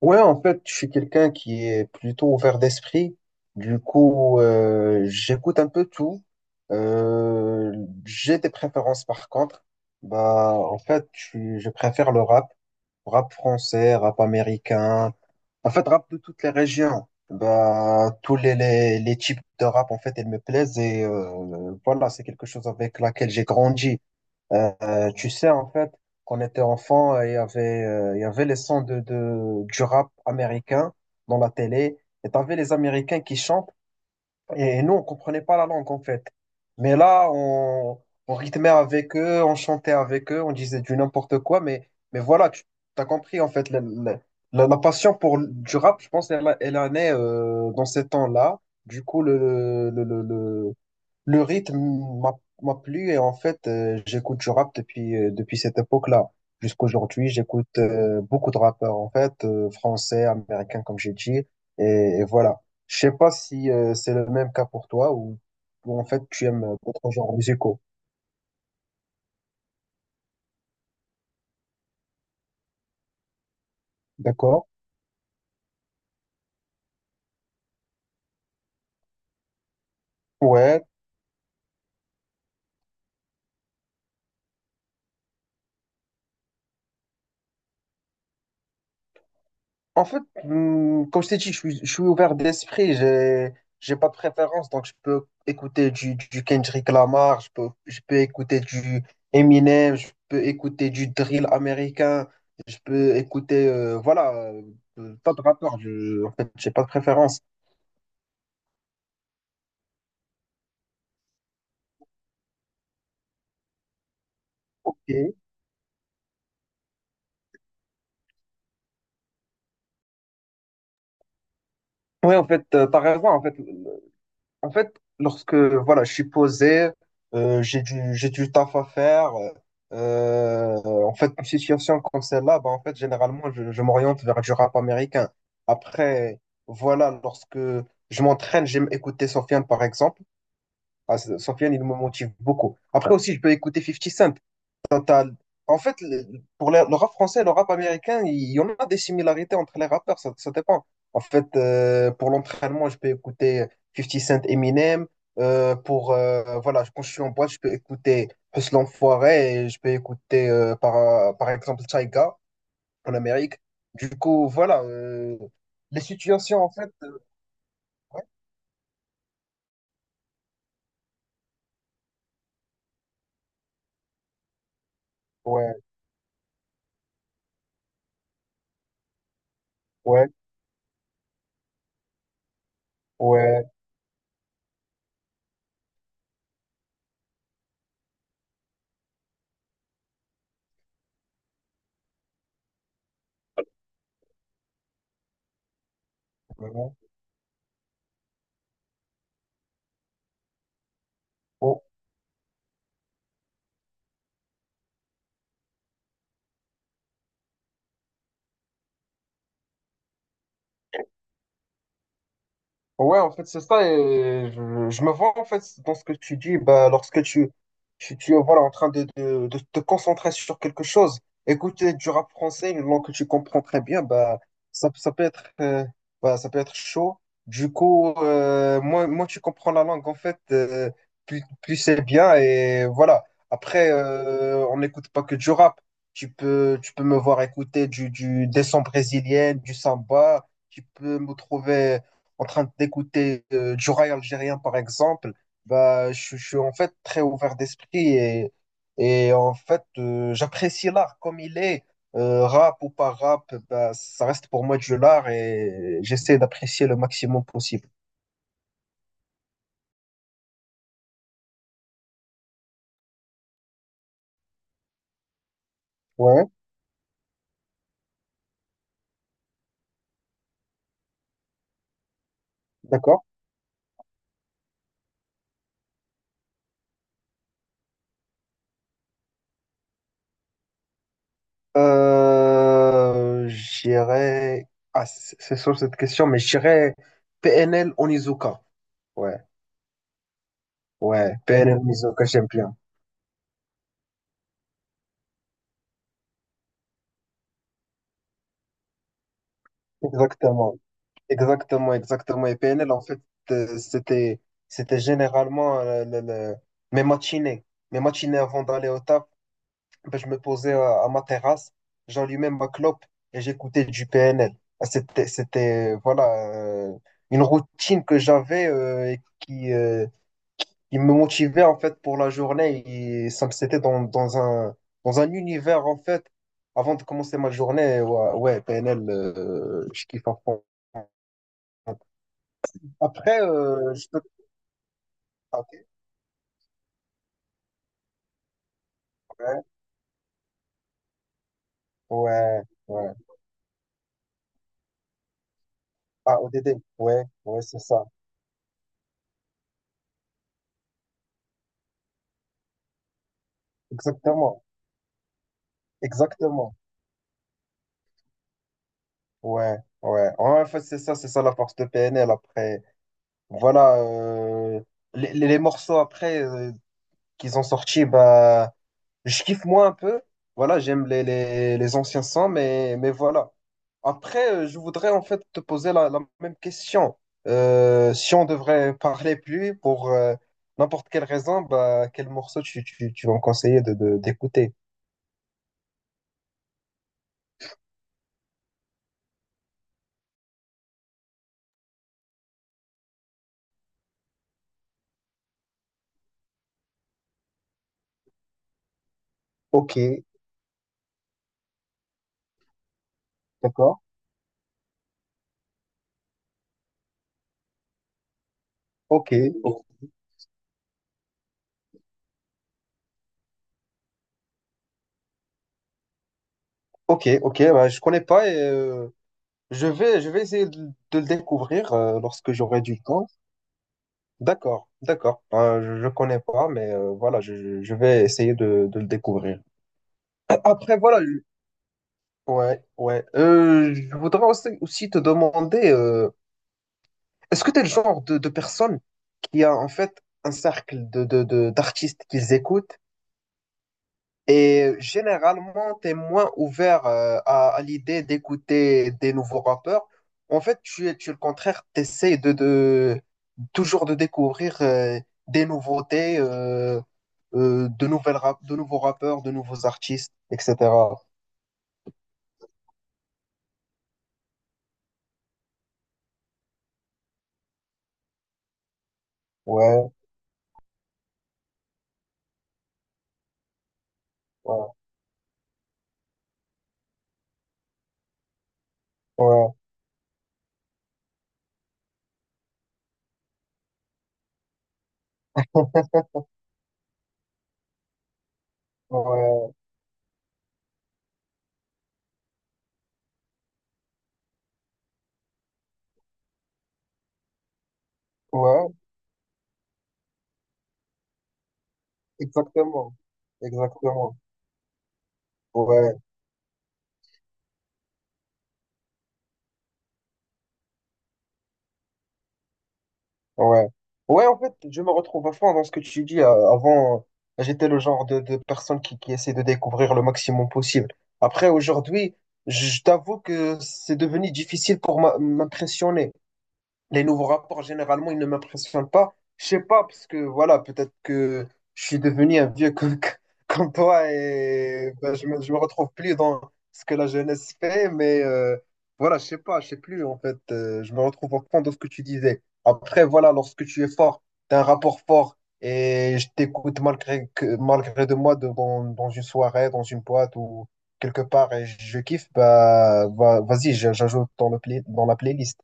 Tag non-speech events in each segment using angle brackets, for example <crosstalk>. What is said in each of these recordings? Ouais, en fait, je suis quelqu'un qui est plutôt ouvert d'esprit. Du coup, j'écoute un peu tout. Euh, j'ai des préférences par contre. Bah, en fait, je préfère le rap, rap français, rap américain. En fait, rap de toutes les régions. Bah, tous les types de rap, en fait, ils me plaisent et voilà, c'est quelque chose avec laquelle j'ai grandi. Tu sais, en fait, quand on était enfant, il y avait les sons du rap américain dans la télé, et t'avais les Américains qui chantent, et nous, on comprenait pas la langue, en fait. Mais là, on rythmait avec eux, on chantait avec eux, on disait du n'importe quoi, mais voilà, tu as compris, en fait, la passion pour du rap, je pense, elle, elle en est dans ces temps-là. Du coup, le rythme m'a m'a plu et en fait, j'écoute du rap depuis, depuis cette époque-là. Jusqu'aujourd'hui, j'écoute beaucoup de rappeurs en fait, français, américains comme j'ai dit. Et voilà. Je sais pas si c'est le même cas pour toi ou en fait tu aimes d'autres genres musicaux. D'accord? Ouais, en fait, comme je t'ai dit, je suis ouvert d'esprit, j'ai pas de préférence, donc je peux écouter du Kendrick Lamar, je peux écouter du Eminem, je peux écouter du drill américain, je peux écouter, voilà, pas de rappeur, en fait, j'ai pas de préférence. Ok. Oui, en fait, t'as raison, en fait, lorsque voilà, je suis posé, j'ai du taf à faire. euh, en fait, une situation comme celle-là, bah, en fait, généralement, je m'oriente vers du rap américain. Après, voilà, lorsque je m'entraîne, j'aime écouter Sofiane, par exemple. Ah, Sofiane, il me motive beaucoup. Après aussi, je peux écouter Fifty Cent. T'as- En fait, pour le rap français et le rap américain, il y en a des similarités entre les rappeurs, ça dépend. En fait, pour l'entraînement, je peux écouter Fifty Cent Eminem. Voilà, quand je suis en boîte, je peux écouter Hustle l'Enfoiré et je peux écouter, par exemple, Tyga en Amérique. Du coup, voilà, les situations, en fait, ouais, ouais, ouais, ouais, ouais. Ouais, en fait, c'est ça. Et je me vois, en fait, dans ce que tu dis, bah, lorsque tu es voilà, en train de te concentrer sur quelque chose, écouter du rap français, une langue que tu comprends très bien, bah, ça peut être, bah, ça peut être chaud. Du coup, moins tu comprends la langue, en fait, plus c'est bien. Et voilà. Après, on n'écoute pas que du rap. Tu peux me voir écouter des sons brésiliennes, du samba. Tu peux me trouver en train d'écouter du rail algérien, par exemple, bah, je suis en fait très ouvert d'esprit et, et en fait, j'apprécie l'art comme il est. Rap ou pas rap, bah, ça reste pour moi du l'art et j'essaie d'apprécier le maximum possible. Ouais, d'accord. J'irai. Ah, c'est sur cette question, mais j'irai PNL Onizuka. Ouais, ouais, PNL Onizuka, j'aime bien. Exactement. Exactement, exactement. Et PNL, en fait, euh, c'était, c'était généralement mes matinées. Mes matinées avant d'aller au taf, ben, je me posais à ma terrasse, j'allumais ma clope et j'écoutais du PNL. Ah, c'était, voilà, euh, une routine que j'avais et qui me motivait, en fait, pour la journée. C'était dans un univers, en fait, avant de commencer ma journée. Ouais, ouais, PNL, je kiffe à fond. Après, je peux... Ok, ouais, ouais, ouais. Ah, ODD, ouais, ouais, c'est ça. Exactement, exactement. Ouais, ouais. Ouais, en fait, c'est ça la force de PNL. Après, voilà, les morceaux après qu'ils ont sortis, bah, je kiffe moi un peu. Voilà, j'aime les anciens sons, mais voilà. Après, je voudrais en fait te poser la même question. Si on devrait parler plus pour n'importe quelle raison, bah, quel morceau tu vas me conseiller d'écouter? Ok, d'accord. Ok, o- ok, ok. Bah, je connais pas et je vais essayer de le découvrir lorsque j'aurai du temps. D'accord, d'accord. Je connais pas, mais voilà, je vais essayer de le découvrir. Après, voilà. Ouais, ouais. Je voudrais aussi te demander, est-ce que tu es le genre de personne qui a en fait un cercle d'artistes qu'ils écoutent et généralement tu es moins ouvert à l'idée d'écouter des nouveaux rappeurs. En fait, tu es le contraire, tu essaies de toujours de découvrir des nouveautés, de nouveaux rappeurs, de nouveaux artistes, etc. Ouais, ouais, ouais, ouais. Ouais, exactement. Exactement. Ouais, ouais. Ouais, en fait, je me retrouve à fond dans ce que tu dis. Avant, j'étais le genre de personne qui, essaie de découvrir le maximum possible. Après, aujourd'hui, je t'avoue que c'est devenu difficile pour m'impressionner. Les nouveaux rapports, généralement, ils ne m'impressionnent pas. Je sais pas, parce que voilà, peut-être que je suis devenu un vieux comme, <laughs> comme toi et ben, je me retrouve plus dans ce que la jeunesse fait, mais voilà, je sais pas, je sais plus en fait. Je me retrouve au fond de ce que tu disais. Après, voilà, lorsque tu es fort, tu as un rapport fort et je t'écoute malgré, que, malgré de moi dans une soirée, dans une boîte ou quelque part et je kiffe, bah, vas-y, j'ajoute dans dans la playlist.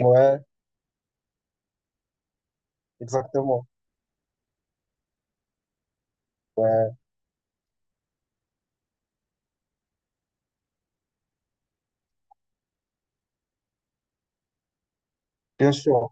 Ouais. Exactement. Ouais, bien sûr.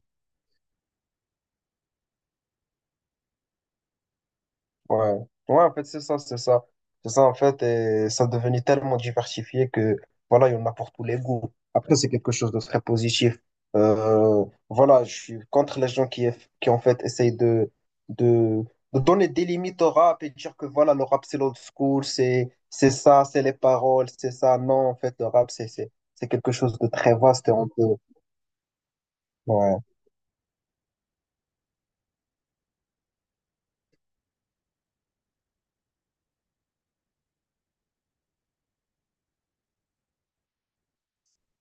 Ouais. Ouais, en fait, c'est ça, c'est ça. C'est ça, en fait, et ça devenait tellement diversifié que, voilà, il y en a pour tous les goûts. Après, c'est quelque chose de très positif. Euh, voilà, je suis contre les gens qui, qui en fait, essayent de, de donner des limites au rap et dire que, voilà, le rap, c'est l'old school, c'est ça, c'est les paroles, c'est ça. Non, en fait, le rap, c'est quelque chose de très vaste et on peut... Ouais,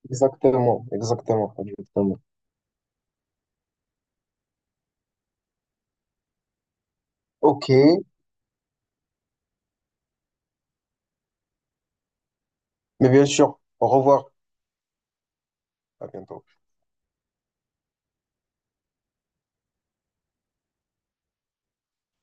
exactement, exactement, exactement. Ok. Mais bien sûr, au revoir, à bientôt.